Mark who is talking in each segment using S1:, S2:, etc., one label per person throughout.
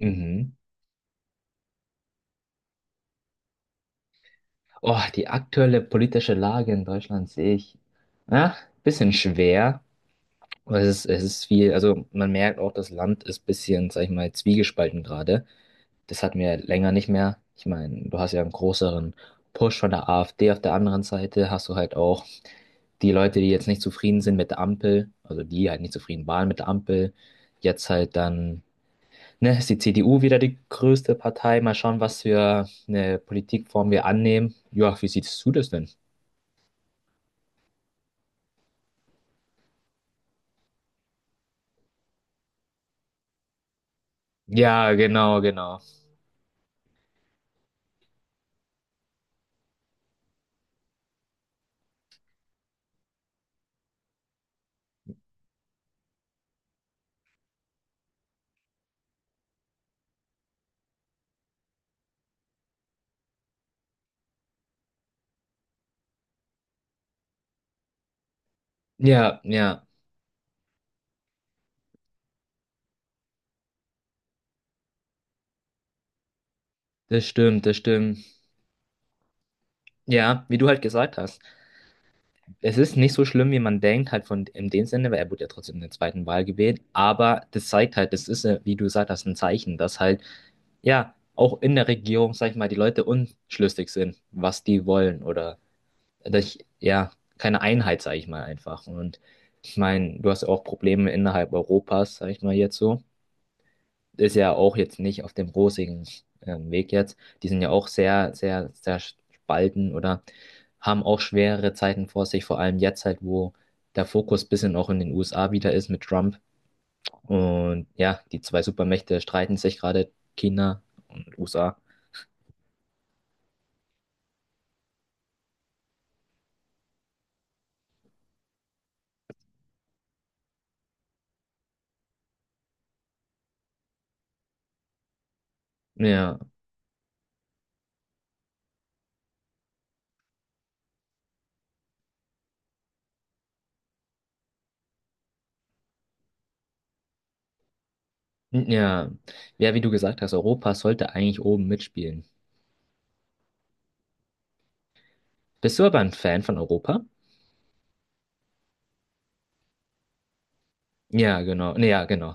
S1: Mhm. Oh, die aktuelle politische Lage in Deutschland sehe ich, ja, bisschen schwer. Aber es ist viel, also man merkt auch, das Land ist bisschen, sag ich mal, zwiegespalten gerade. Das hatten wir länger nicht mehr. Ich meine, du hast ja einen größeren Push von der AfD. Auf der anderen Seite hast du halt auch die Leute, die jetzt nicht zufrieden sind mit der Ampel, also die halt nicht zufrieden waren mit der Ampel, jetzt halt dann. Ne, ist die CDU wieder die größte Partei. Mal schauen, was für eine Politikform wir annehmen. Ja, wie siehst du das denn? Ja, genau, genau. Ja, ja, das stimmt, das stimmt. Ja, wie du halt gesagt hast. Es ist nicht so schlimm, wie man denkt, halt von in dem Sinne, weil er wurde ja trotzdem in der zweiten Wahl gewählt. Aber das zeigt halt, das ist, wie du gesagt hast, ein Zeichen, dass halt, ja, auch in der Regierung, sag ich mal, die Leute unschlüssig sind, was die wollen oder ja, keine Einheit, sage ich mal einfach. Und ich meine, du hast ja auch Probleme innerhalb Europas, sage ich mal jetzt so. Ist ja auch jetzt nicht auf dem rosigen Weg jetzt. Die sind ja auch sehr, sehr, sehr spalten oder haben auch schwere Zeiten vor sich, vor allem jetzt halt, wo der Fokus ein bisschen auch in den USA wieder ist mit Trump. Und ja, die zwei Supermächte streiten sich gerade, China und USA. Ja, ja, ja, wie du gesagt hast, Europa sollte eigentlich oben mitspielen. Bist du aber ein Fan von Europa? Ja, genau. Nee, ja, genau.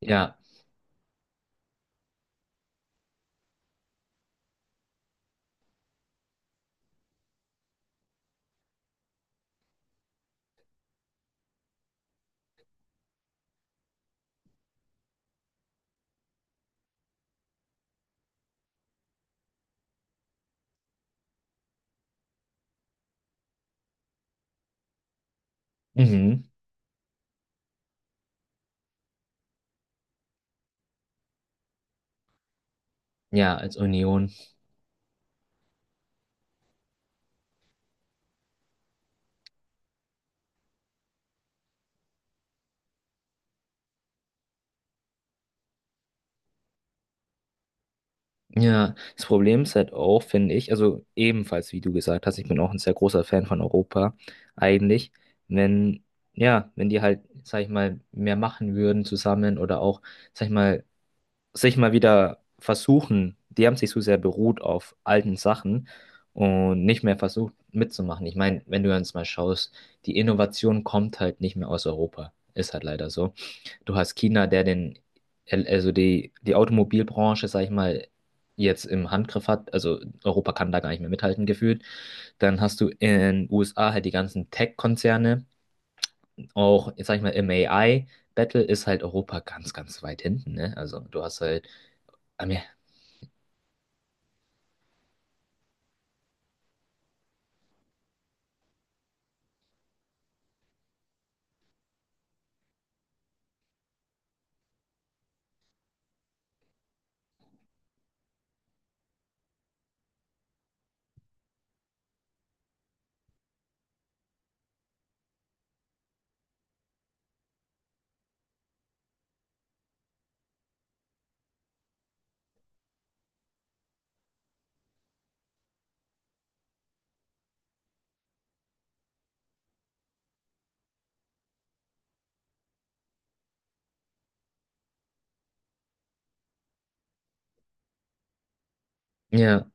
S1: Ja. Mhm. Ja, als Union. Ja, das Problem ist halt auch, finde ich, also ebenfalls, wie du gesagt hast, ich bin auch ein sehr großer Fan von Europa, eigentlich, wenn, ja, wenn die halt, sag ich mal, mehr machen würden zusammen oder auch, sag ich mal, sich mal wieder versuchen, die haben sich so sehr beruht auf alten Sachen und nicht mehr versucht mitzumachen. Ich meine, wenn du jetzt mal schaust, die Innovation kommt halt nicht mehr aus Europa. Ist halt leider so. Du hast China, der den, also die Automobilbranche, sag ich mal, jetzt im Handgriff hat. Also Europa kann da gar nicht mehr mithalten gefühlt. Dann hast du in USA halt die ganzen Tech-Konzerne, auch, jetzt sag ich mal, im AI. Battle ist halt Europa ganz, ganz weit hinten, ne? Also du hast halt Amer- ja,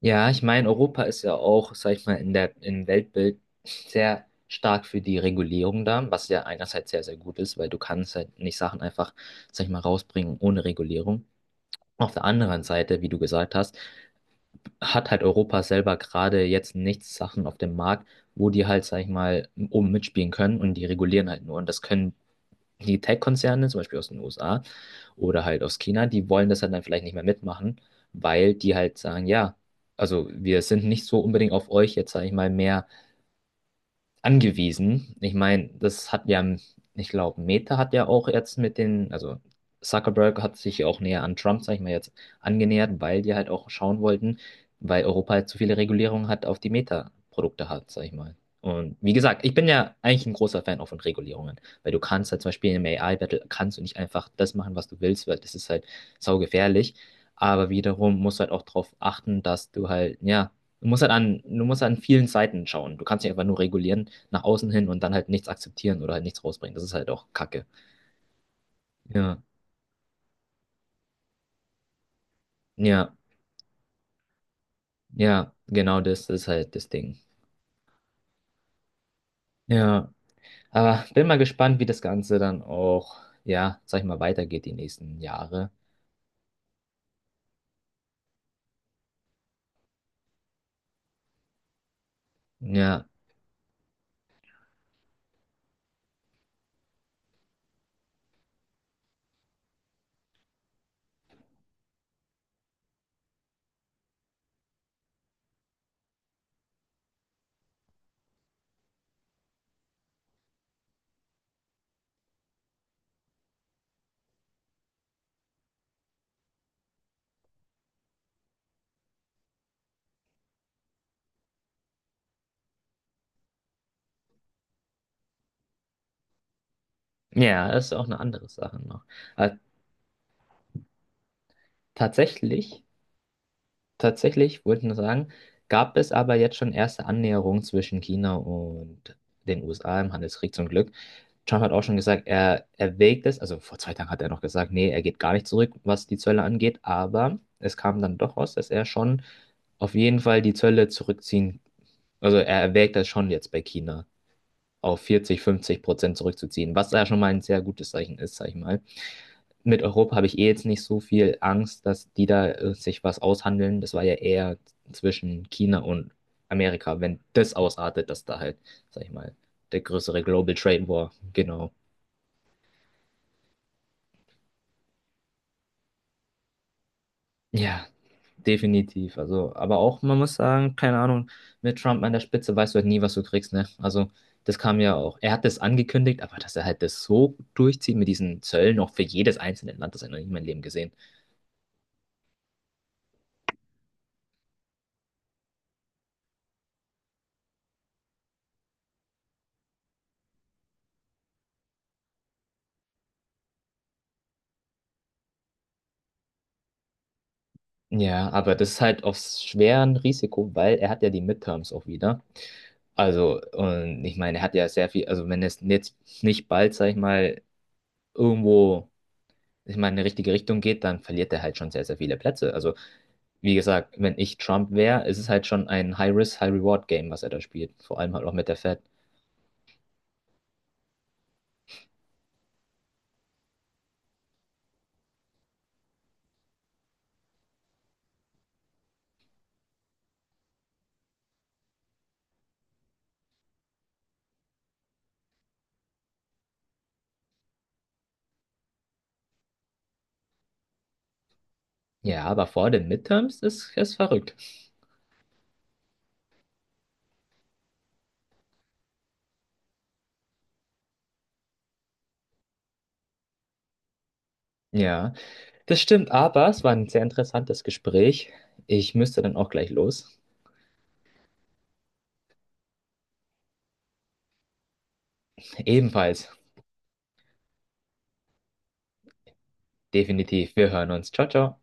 S1: ja, ich meine, Europa ist ja auch, sag ich mal, in der, im Weltbild sehr stark für die Regulierung da, was ja einerseits sehr, sehr gut ist, weil du kannst halt nicht Sachen einfach, sag ich mal, rausbringen ohne Regulierung. Auf der anderen Seite, wie du gesagt hast, hat halt Europa selber gerade jetzt nichts Sachen auf dem Markt, wo die halt, sag ich mal, oben mitspielen können und die regulieren halt nur. Und das können die Tech-Konzerne, zum Beispiel aus den USA, oder halt aus China, die wollen das halt dann vielleicht nicht mehr mitmachen, weil die halt sagen, ja, also wir sind nicht so unbedingt auf euch jetzt, sage ich mal, mehr angewiesen. Ich meine, das hat ja, ich glaube, Meta hat ja auch jetzt mit den, also Zuckerberg hat sich ja auch näher an Trump, sag ich mal jetzt, angenähert, weil die halt auch schauen wollten, weil Europa halt zu viele Regulierungen hat, auf die Meta-Produkte hat, sag ich mal. Und wie gesagt, ich bin ja eigentlich ein großer Fan auch von Regulierungen, weil du kannst halt zum Beispiel im AI-Battle kannst du nicht einfach das machen, was du willst, weil das ist halt saugefährlich. Aber wiederum musst du halt auch darauf achten, dass du halt, ja, du musst halt an, du musst an vielen Seiten schauen. Du kannst nicht einfach nur regulieren, nach außen hin und dann halt nichts akzeptieren oder halt nichts rausbringen. Das ist halt auch Kacke. Ja, ja, ja, genau das ist halt das Ding. Ja, aber bin mal gespannt, wie das Ganze dann auch, ja, sag ich mal, weitergeht die nächsten Jahre. Ja, ja, das ist auch eine andere Sache noch. Aber tatsächlich Tatsächlich, wollte ich nur sagen, gab es aber jetzt schon erste Annäherungen zwischen China und den USA im Handelskrieg zum Glück. Trump hat auch schon gesagt, er erwägt es, also vor 2 Tagen hat er noch gesagt, nee, er geht gar nicht zurück, was die Zölle angeht, aber es kam dann doch raus, dass er schon auf jeden Fall die Zölle zurückziehen, also er erwägt das schon jetzt bei China, auf 40, 50% zurückzuziehen, was ja schon mal ein sehr gutes Zeichen ist, sag ich mal. Mit Europa habe ich eh jetzt nicht so viel Angst, dass die da sich was aushandeln. Das war ja eher zwischen China und Amerika, wenn das ausartet, dass da halt, sag ich mal, der größere Global Trade War, genau. Ja, definitiv. Also, aber auch, man muss sagen, keine Ahnung, mit Trump an der Spitze weißt du halt nie, was du kriegst, ne? Also, das kam ja auch. Er hat das angekündigt, aber dass er halt das so durchzieht mit diesen Zöllen, auch für jedes einzelne Land, das habe ich noch nie in meinem Leben gesehen. Ja, aber das ist halt auf schwer ein Risiko, weil er hat ja die Midterms auch wieder. Also, und ich meine, er hat ja sehr viel, also wenn es jetzt nicht bald, sag ich mal, irgendwo, ich meine, in die richtige Richtung geht, dann verliert er halt schon sehr, sehr viele Plätze. Also, wie gesagt, wenn ich Trump wäre, ist es halt schon ein High-Risk, High-Reward-Game, was er da spielt. Vor allem halt auch mit der Fed. Ja, aber vor den Midterms ist es verrückt. Ja, das stimmt, aber es war ein sehr interessantes Gespräch. Ich müsste dann auch gleich los. Ebenfalls. Definitiv. Wir hören uns. Ciao, ciao.